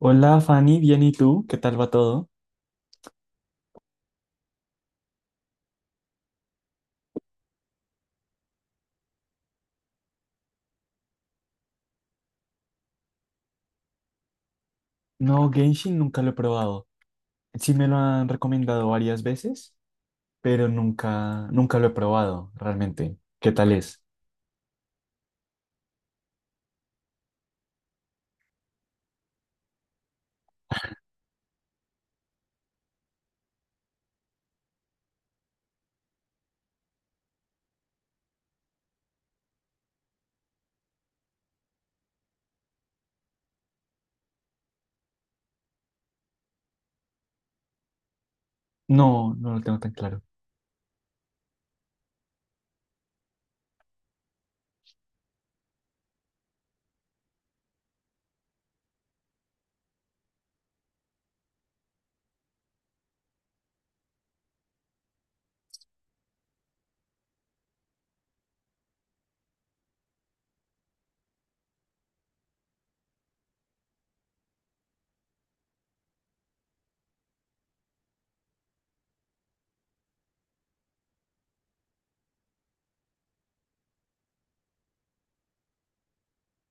Hola Fanny, bien ¿y tú? ¿Qué tal va todo? No, Genshin nunca lo he probado. Sí me lo han recomendado varias veces, pero nunca lo he probado realmente. ¿Qué tal es? No, no lo tengo tan claro.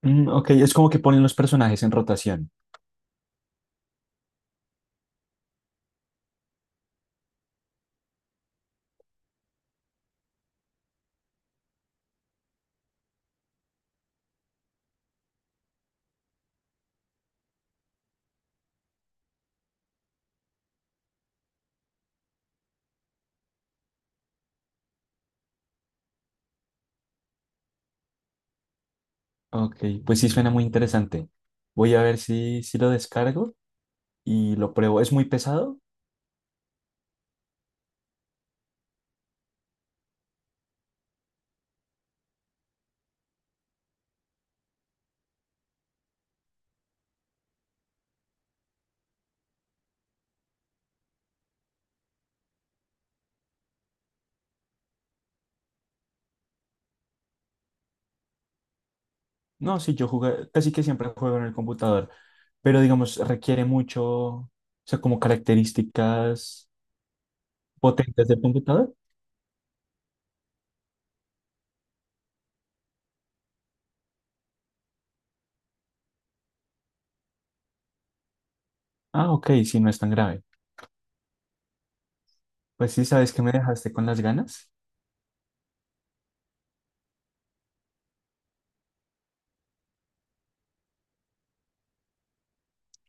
Mm, ok, es como que ponen los personajes en rotación. Ok, pues sí suena muy interesante. Voy a ver si lo descargo y lo pruebo. ¿Es muy pesado? No, sí, yo jugué, casi que siempre juego en el computador, pero digamos, requiere mucho, o sea, como características potentes del computador. Ah, ok, sí, no es tan grave. Pues sí, ¿sabes que me dejaste con las ganas?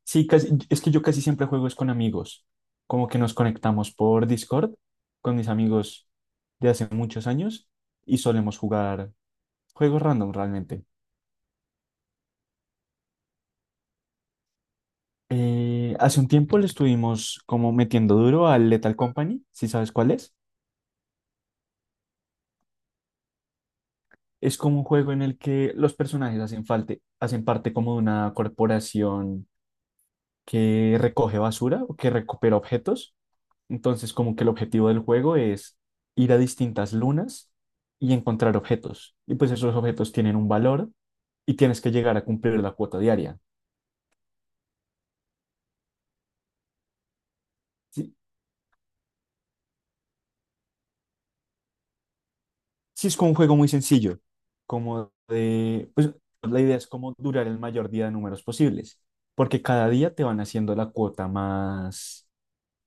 Sí, casi, es que yo casi siempre juego es con amigos. Como que nos conectamos por Discord con mis amigos de hace muchos años y solemos jugar juegos random realmente. Hace un tiempo le estuvimos como metiendo duro al Lethal Company, si sabes cuál es. Es como un juego en el que los personajes hacen falta, hacen parte como de una corporación que recoge basura o que recupera objetos. Entonces, como que el objetivo del juego es ir a distintas lunas y encontrar objetos. Y pues esos objetos tienen un valor y tienes que llegar a cumplir la cuota diaria. Sí, sí es como un juego muy sencillo, como de, pues la idea es como durar el mayor día de números posibles, porque cada día te van haciendo la cuota más,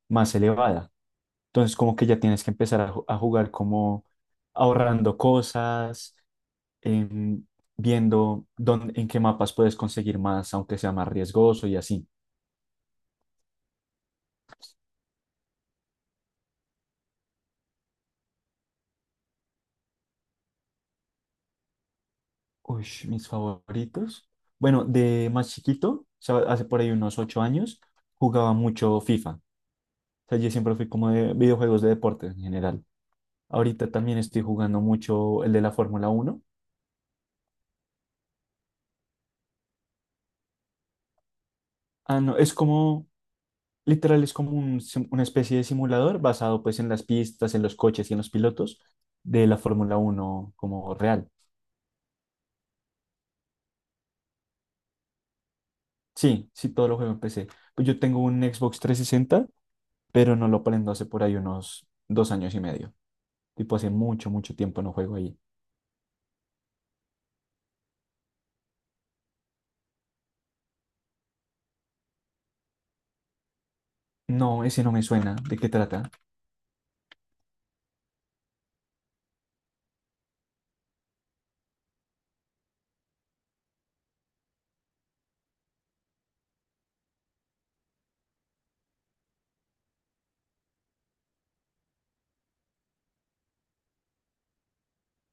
más elevada. Entonces, como que ya tienes que empezar a jugar como ahorrando cosas, em, viendo dónde, en qué mapas puedes conseguir más, aunque sea más riesgoso y así. Uy, mis favoritos. Bueno, de más chiquito, o sea, hace por ahí unos 8 años, jugaba mucho FIFA. O sea, yo siempre fui como de videojuegos de deportes en general. Ahorita también estoy jugando mucho el de la Fórmula Uno. Ah, no, es como, literal, es como una especie de simulador basado pues en las pistas, en los coches y en los pilotos de la Fórmula Uno como real. Sí, sí, todo lo juego en PC. Pues yo tengo un Xbox 360, pero no lo prendo hace por ahí unos 2 años y medio. Tipo, hace mucho, mucho tiempo no juego ahí. No, ese no me suena. ¿De qué trata?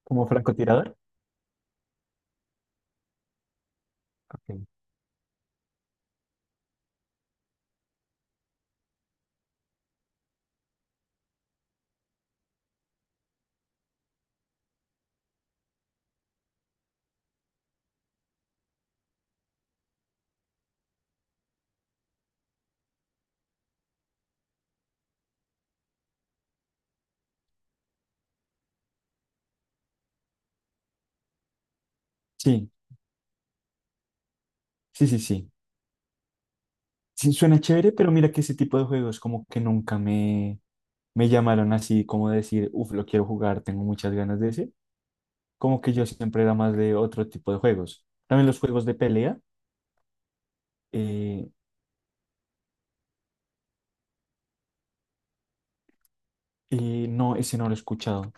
¿Como francotirador? Ok. Sí, sí, sí, sí. Sí, suena chévere, pero mira que ese tipo de juegos como que nunca me llamaron así como decir, uff, lo quiero jugar, tengo muchas ganas de ese. Como que yo siempre era más de otro tipo de juegos. También los juegos de pelea, eh, no, ese no lo he escuchado.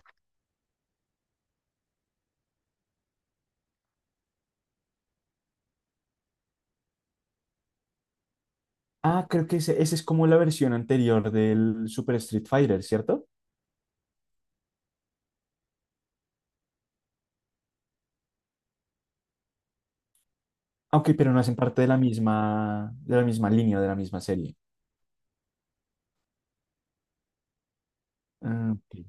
Ah, creo que ese es como la versión anterior del Super Street Fighter, ¿cierto? Ah, ok, pero no hacen parte de la misma, línea, de la misma serie. Ah, ok.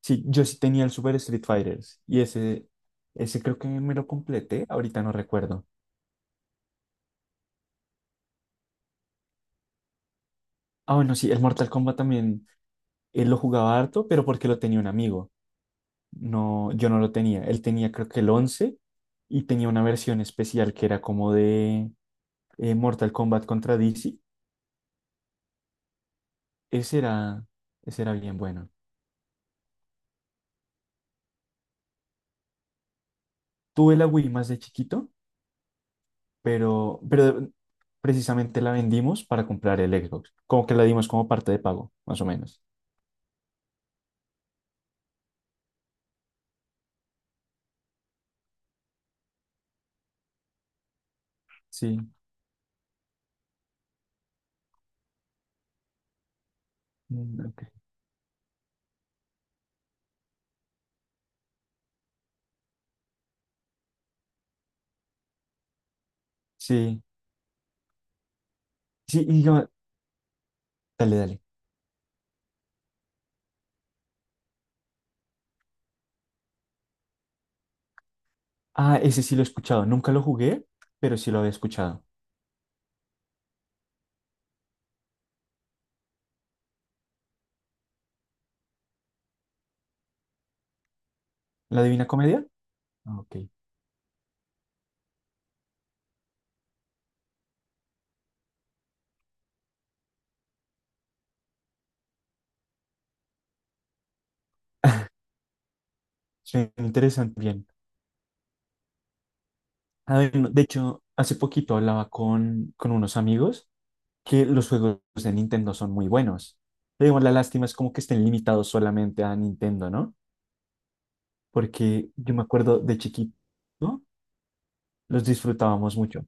Sí, yo sí tenía el Super Street Fighters y ese creo que me lo completé, ahorita no recuerdo. Ah, bueno, sí, el Mortal Kombat también, él lo jugaba harto, pero porque lo tenía un amigo. No, yo no lo tenía. Él tenía creo que el 11 y tenía una versión especial que era como de Mortal Kombat contra DC. Ese era, ese era bien bueno. Tuve la Wii más de chiquito, pero precisamente la vendimos para comprar el Xbox. Como que la dimos como parte de pago, más o menos. Sí. Mm, ok. Sí. Sí, dale, dale. Ah, ese sí lo he escuchado. Nunca lo jugué, pero sí lo había escuchado. ¿La Divina Comedia? Ah, ok. Suena interesante. Bien. Ah, bueno, de hecho, hace poquito hablaba con unos amigos que los juegos de Nintendo son muy buenos. Pero digo, la lástima es como que estén limitados solamente a Nintendo, ¿no? Porque yo me acuerdo de chiquito, ¿no? Los disfrutábamos mucho.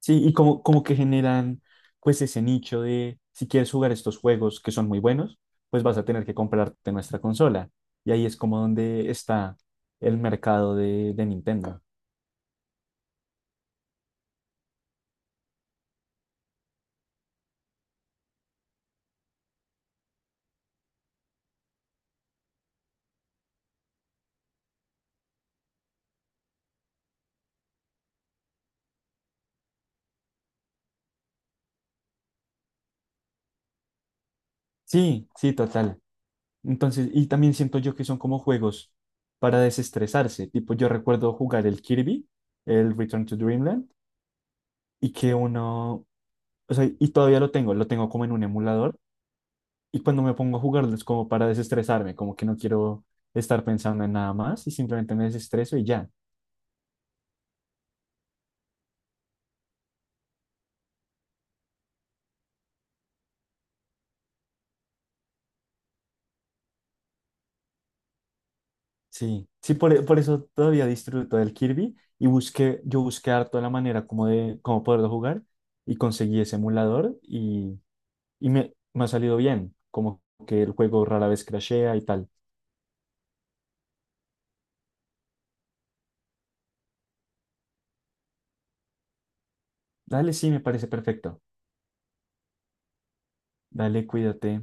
Sí, y como que generan pues ese nicho de si quieres jugar estos juegos que son muy buenos, pues vas a tener que comprarte nuestra consola. Y ahí es como donde está el mercado de Nintendo. Sí, sí, total. Entonces, y también siento yo que son como juegos para desestresarse. Tipo, yo recuerdo jugar el Kirby, el Return to Dreamland, y que uno, o sea, y todavía lo tengo como en un emulador. Y cuando me pongo a jugarlo es como para desestresarme, como que no quiero estar pensando en nada más y simplemente me desestreso y ya. Sí, sí, por eso todavía disfruto del Kirby y busqué, yo busqué harto la manera como de cómo poderlo jugar y conseguí ese emulador y me ha salido bien, como que el juego rara vez crashea y tal. Dale, sí, me parece perfecto. Dale, cuídate.